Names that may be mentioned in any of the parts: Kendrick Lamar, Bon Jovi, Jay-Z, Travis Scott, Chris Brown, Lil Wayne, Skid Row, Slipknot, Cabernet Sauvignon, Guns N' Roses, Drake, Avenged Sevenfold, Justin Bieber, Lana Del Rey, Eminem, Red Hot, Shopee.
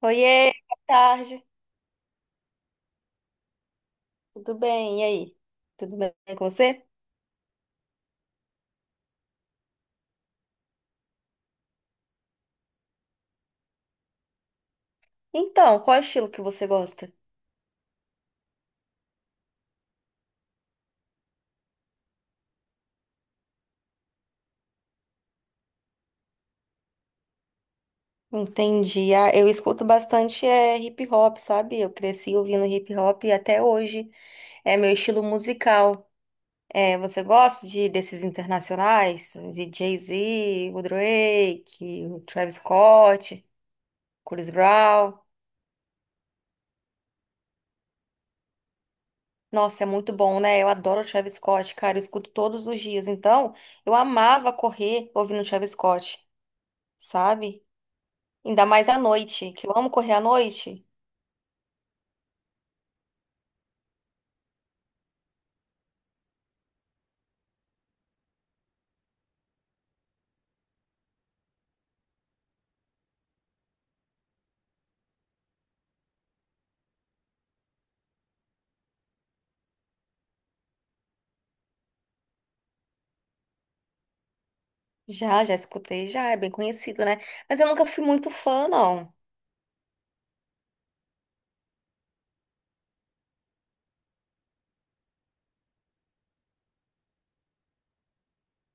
Oiê, boa tarde. Tudo bem? E aí? Tudo bem com você? Então, qual é o estilo que você gosta? Entendi. Ah, eu escuto bastante hip hop, sabe? Eu cresci ouvindo hip hop e até hoje é meu estilo musical. É, você gosta de desses internacionais? De Jay-Z, o Drake, o Travis Scott, Chris Brown? Nossa, é muito bom, né? Eu adoro o Travis Scott, cara. Eu escuto todos os dias. Então, eu amava correr ouvindo o Travis Scott, sabe? Ainda mais à noite, que eu amo correr à noite. Já escutei, já é bem conhecido, né? Mas eu nunca fui muito fã, não.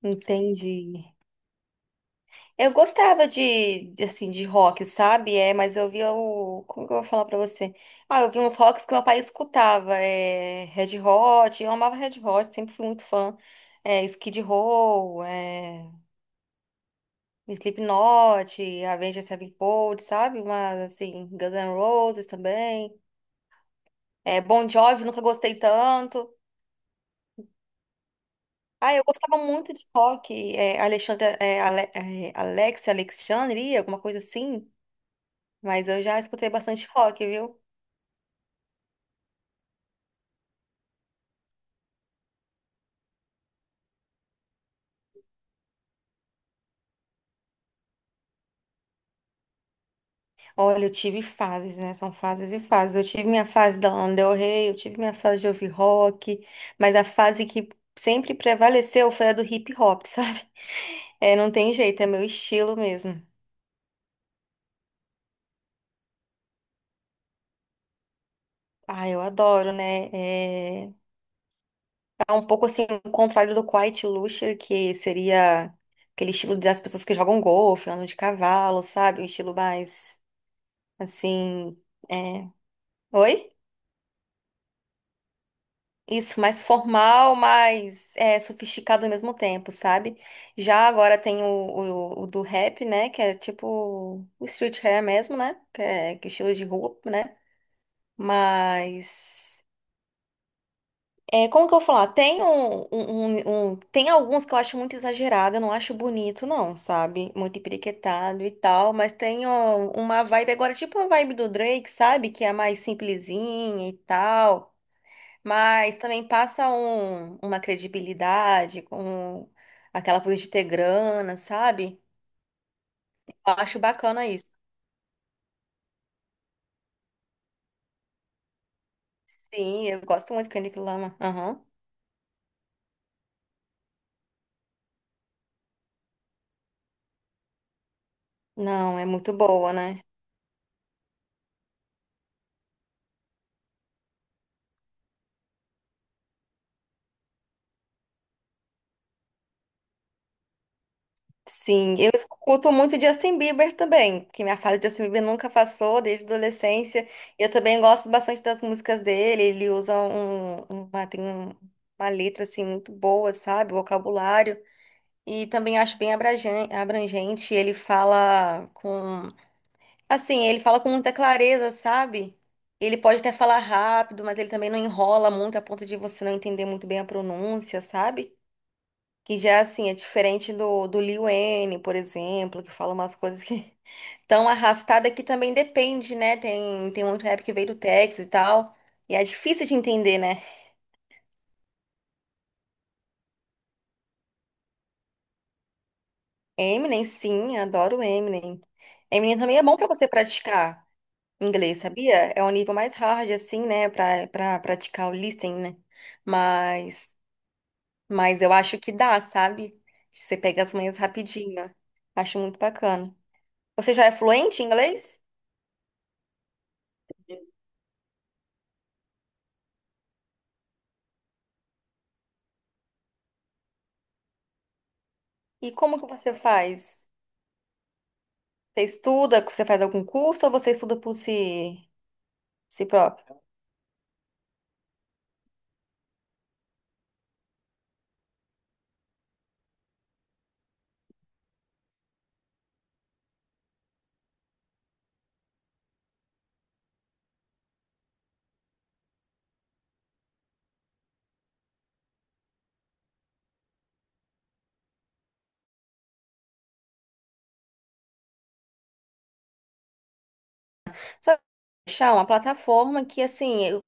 Entendi. Eu gostava de, assim, de rock, sabe? É, mas eu via o... Como que eu vou falar pra você? Ah, eu vi uns rocks que meu pai escutava. É, Red Hot, eu amava Red Hot, sempre fui muito fã. É, Skid Row, Slipknot, Avenged Sevenfold, sabe? Mas, assim, Guns N' Roses também. É, Bon Jovi, nunca gostei tanto. Ah, eu gostava muito de rock, é, Alexandre, Alex, Alexandre, alguma coisa assim, mas eu já escutei bastante rock, viu? Olha, eu tive fases, né? São fases e fases. Eu tive minha fase da Lana Del Rey, eu tive minha fase de ouvir rock, mas a fase que sempre prevaleceu foi a do hip hop, sabe? É, não tem jeito, é meu estilo mesmo. Ah, eu adoro, né? É um pouco assim, o contrário do quiet luxury, que seria aquele estilo das pessoas que jogam golfe, andam de cavalo, sabe? Um estilo mais, assim, é... Oi? Isso, mais formal, mais sofisticado ao mesmo tempo, sabe? Já agora tem o do rap, né? Que é tipo o street hair mesmo, né? Que é estilo de roupa, né? Mas... É, como que eu vou falar? Tem um, um- um- um- tem alguns que eu acho muito exagerado, eu não acho bonito, não, sabe? Muito empiriquetado e tal, mas tem ó, uma vibe agora, tipo a vibe do Drake, sabe? Que é mais simplesinha e tal, mas também passa uma credibilidade com aquela coisa de ter grana, sabe? Eu acho bacana isso. Sim, eu gosto muito de Kendrick Lamar. Aham. Não, é muito boa, né? Sim, eu escuto muito Justin Bieber também, porque minha fase de Justin Bieber nunca passou desde a adolescência. Eu também gosto bastante das músicas dele, ele usa tem uma letra assim muito boa, sabe? Vocabulário. E também acho bem abrangente, ele fala com muita clareza, sabe? Ele pode até falar rápido, mas ele também não enrola muito a ponto de você não entender muito bem a pronúncia, sabe? Que já, assim, é diferente do Lil Wayne, por exemplo, que fala umas coisas que tão arrastada que também depende, né? Tem muito rap que veio do Texas e tal. E é difícil de entender, né? Eminem, sim, adoro Eminem. Eminem também é bom pra você praticar inglês, sabia? É um nível mais hard, assim, né? Pra praticar o listening, né? Mas, mas eu acho que dá, sabe? Você pega as manhas rapidinho. Acho muito bacana. Você já é fluente em inglês? E como que você faz? Você estuda, você faz algum curso ou você estuda por si próprio? Só que achar uma plataforma que assim,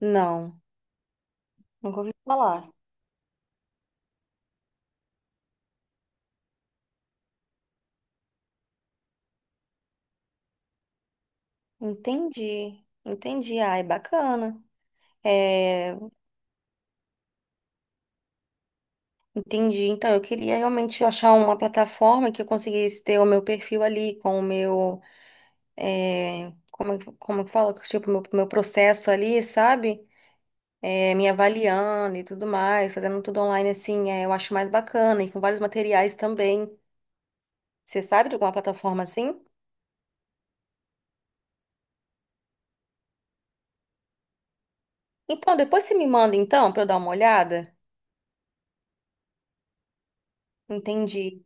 não, nunca ouvi falar. Entendi, entendi. Ah, é bacana. É, entendi. Então, eu queria realmente achar uma plataforma que eu conseguisse ter o meu perfil ali, com o meu, como é que fala? Tipo, meu processo ali, sabe? Me avaliando e tudo mais, fazendo tudo online assim, eu acho mais bacana, e com vários materiais também. Você sabe de alguma plataforma assim? Então, depois você me manda então para eu dar uma olhada? Entendi.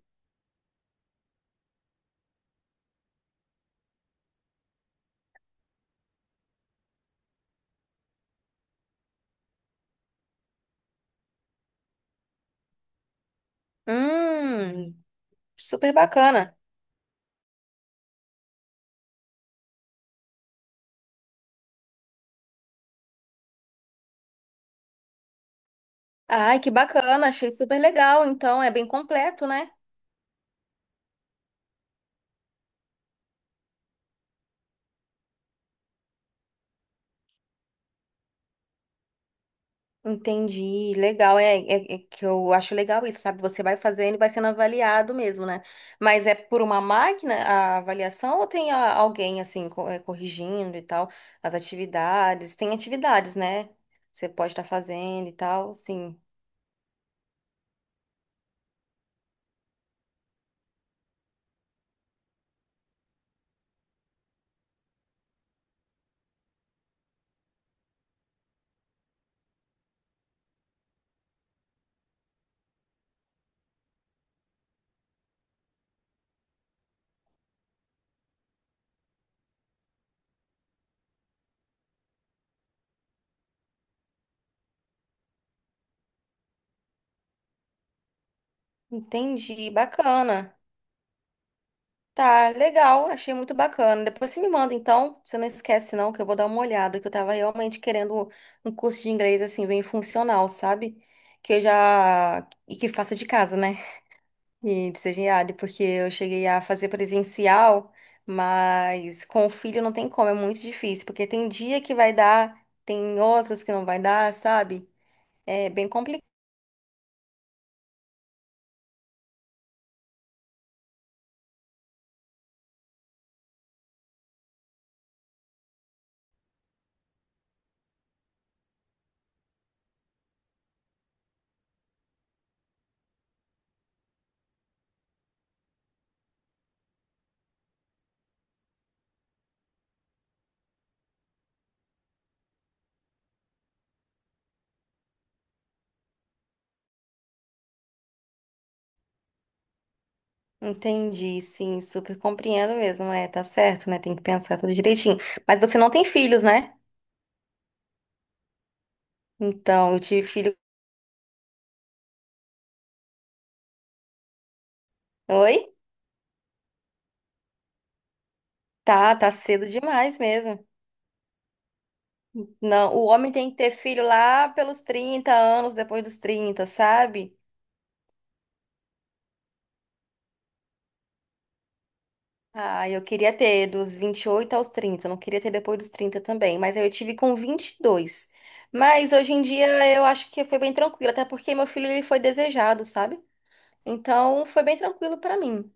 Hum, super bacana. Ai, que bacana, achei super legal. Então, é bem completo, né? Entendi, legal, é que eu acho legal isso, sabe? Você vai fazendo e vai sendo avaliado mesmo, né? Mas é por uma máquina a avaliação ou tem alguém assim corrigindo e tal as atividades? Tem atividades, né? Você pode estar fazendo e tal, sim. Entendi, bacana. Tá, legal, achei muito bacana. Depois você me manda, então, você não esquece não, que eu vou dar uma olhada, que eu tava realmente querendo um curso de inglês assim bem funcional, sabe? Que eu já e que faça de casa, né? E de CGAD, porque eu cheguei a fazer presencial, mas com o filho não tem como, é muito difícil, porque tem dia que vai dar, tem outros que não vai dar, sabe? É bem complicado. Entendi, sim, super compreendo mesmo, tá certo, né? Tem que pensar tudo direitinho. Mas você não tem filhos, né? Então, eu tive filho. Oi? Tá, tá cedo demais mesmo. Não, o homem tem que ter filho lá pelos 30 anos, depois dos 30, sabe? Ah, eu queria ter dos 28 aos 30. Não queria ter depois dos 30 também, mas aí eu tive com 22. Mas hoje em dia eu acho que foi bem tranquilo, até porque meu filho ele foi desejado, sabe? Então foi bem tranquilo pra mim.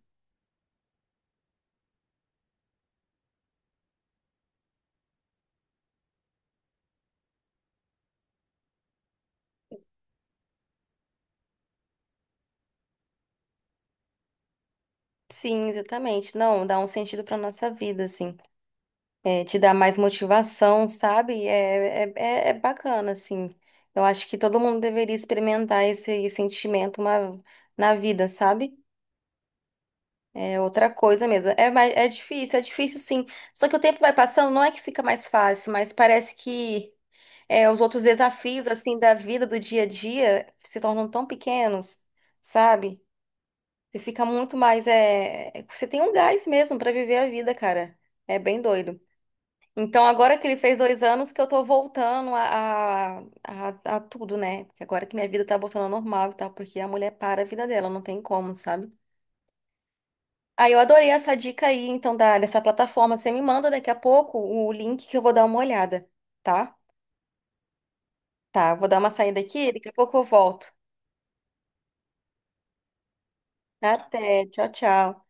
Sim, exatamente. Não, dá um sentido pra nossa vida, assim. É, te dá mais motivação, sabe? É bacana, assim. Eu acho que todo mundo deveria experimentar esse sentimento na vida, sabe? É outra coisa mesmo. É, é difícil sim. Só que o tempo vai passando, não é que fica mais fácil, mas parece que os outros desafios, assim, da vida, do dia a dia, se tornam tão pequenos, sabe? Você fica muito mais, você tem um gás mesmo pra viver a vida, cara. É bem doido. Então, agora que ele fez 2 anos, que eu tô voltando a, a tudo, né? Porque agora que minha vida tá voltando ao normal e tal, porque a mulher para a vida dela, não tem como, sabe? Ah, eu adorei essa dica aí, então, dessa plataforma. Você me manda daqui a pouco o link que eu vou dar uma olhada, tá? Tá, eu vou dar uma saída aqui, daqui a pouco eu volto. Até, tchau, tchau.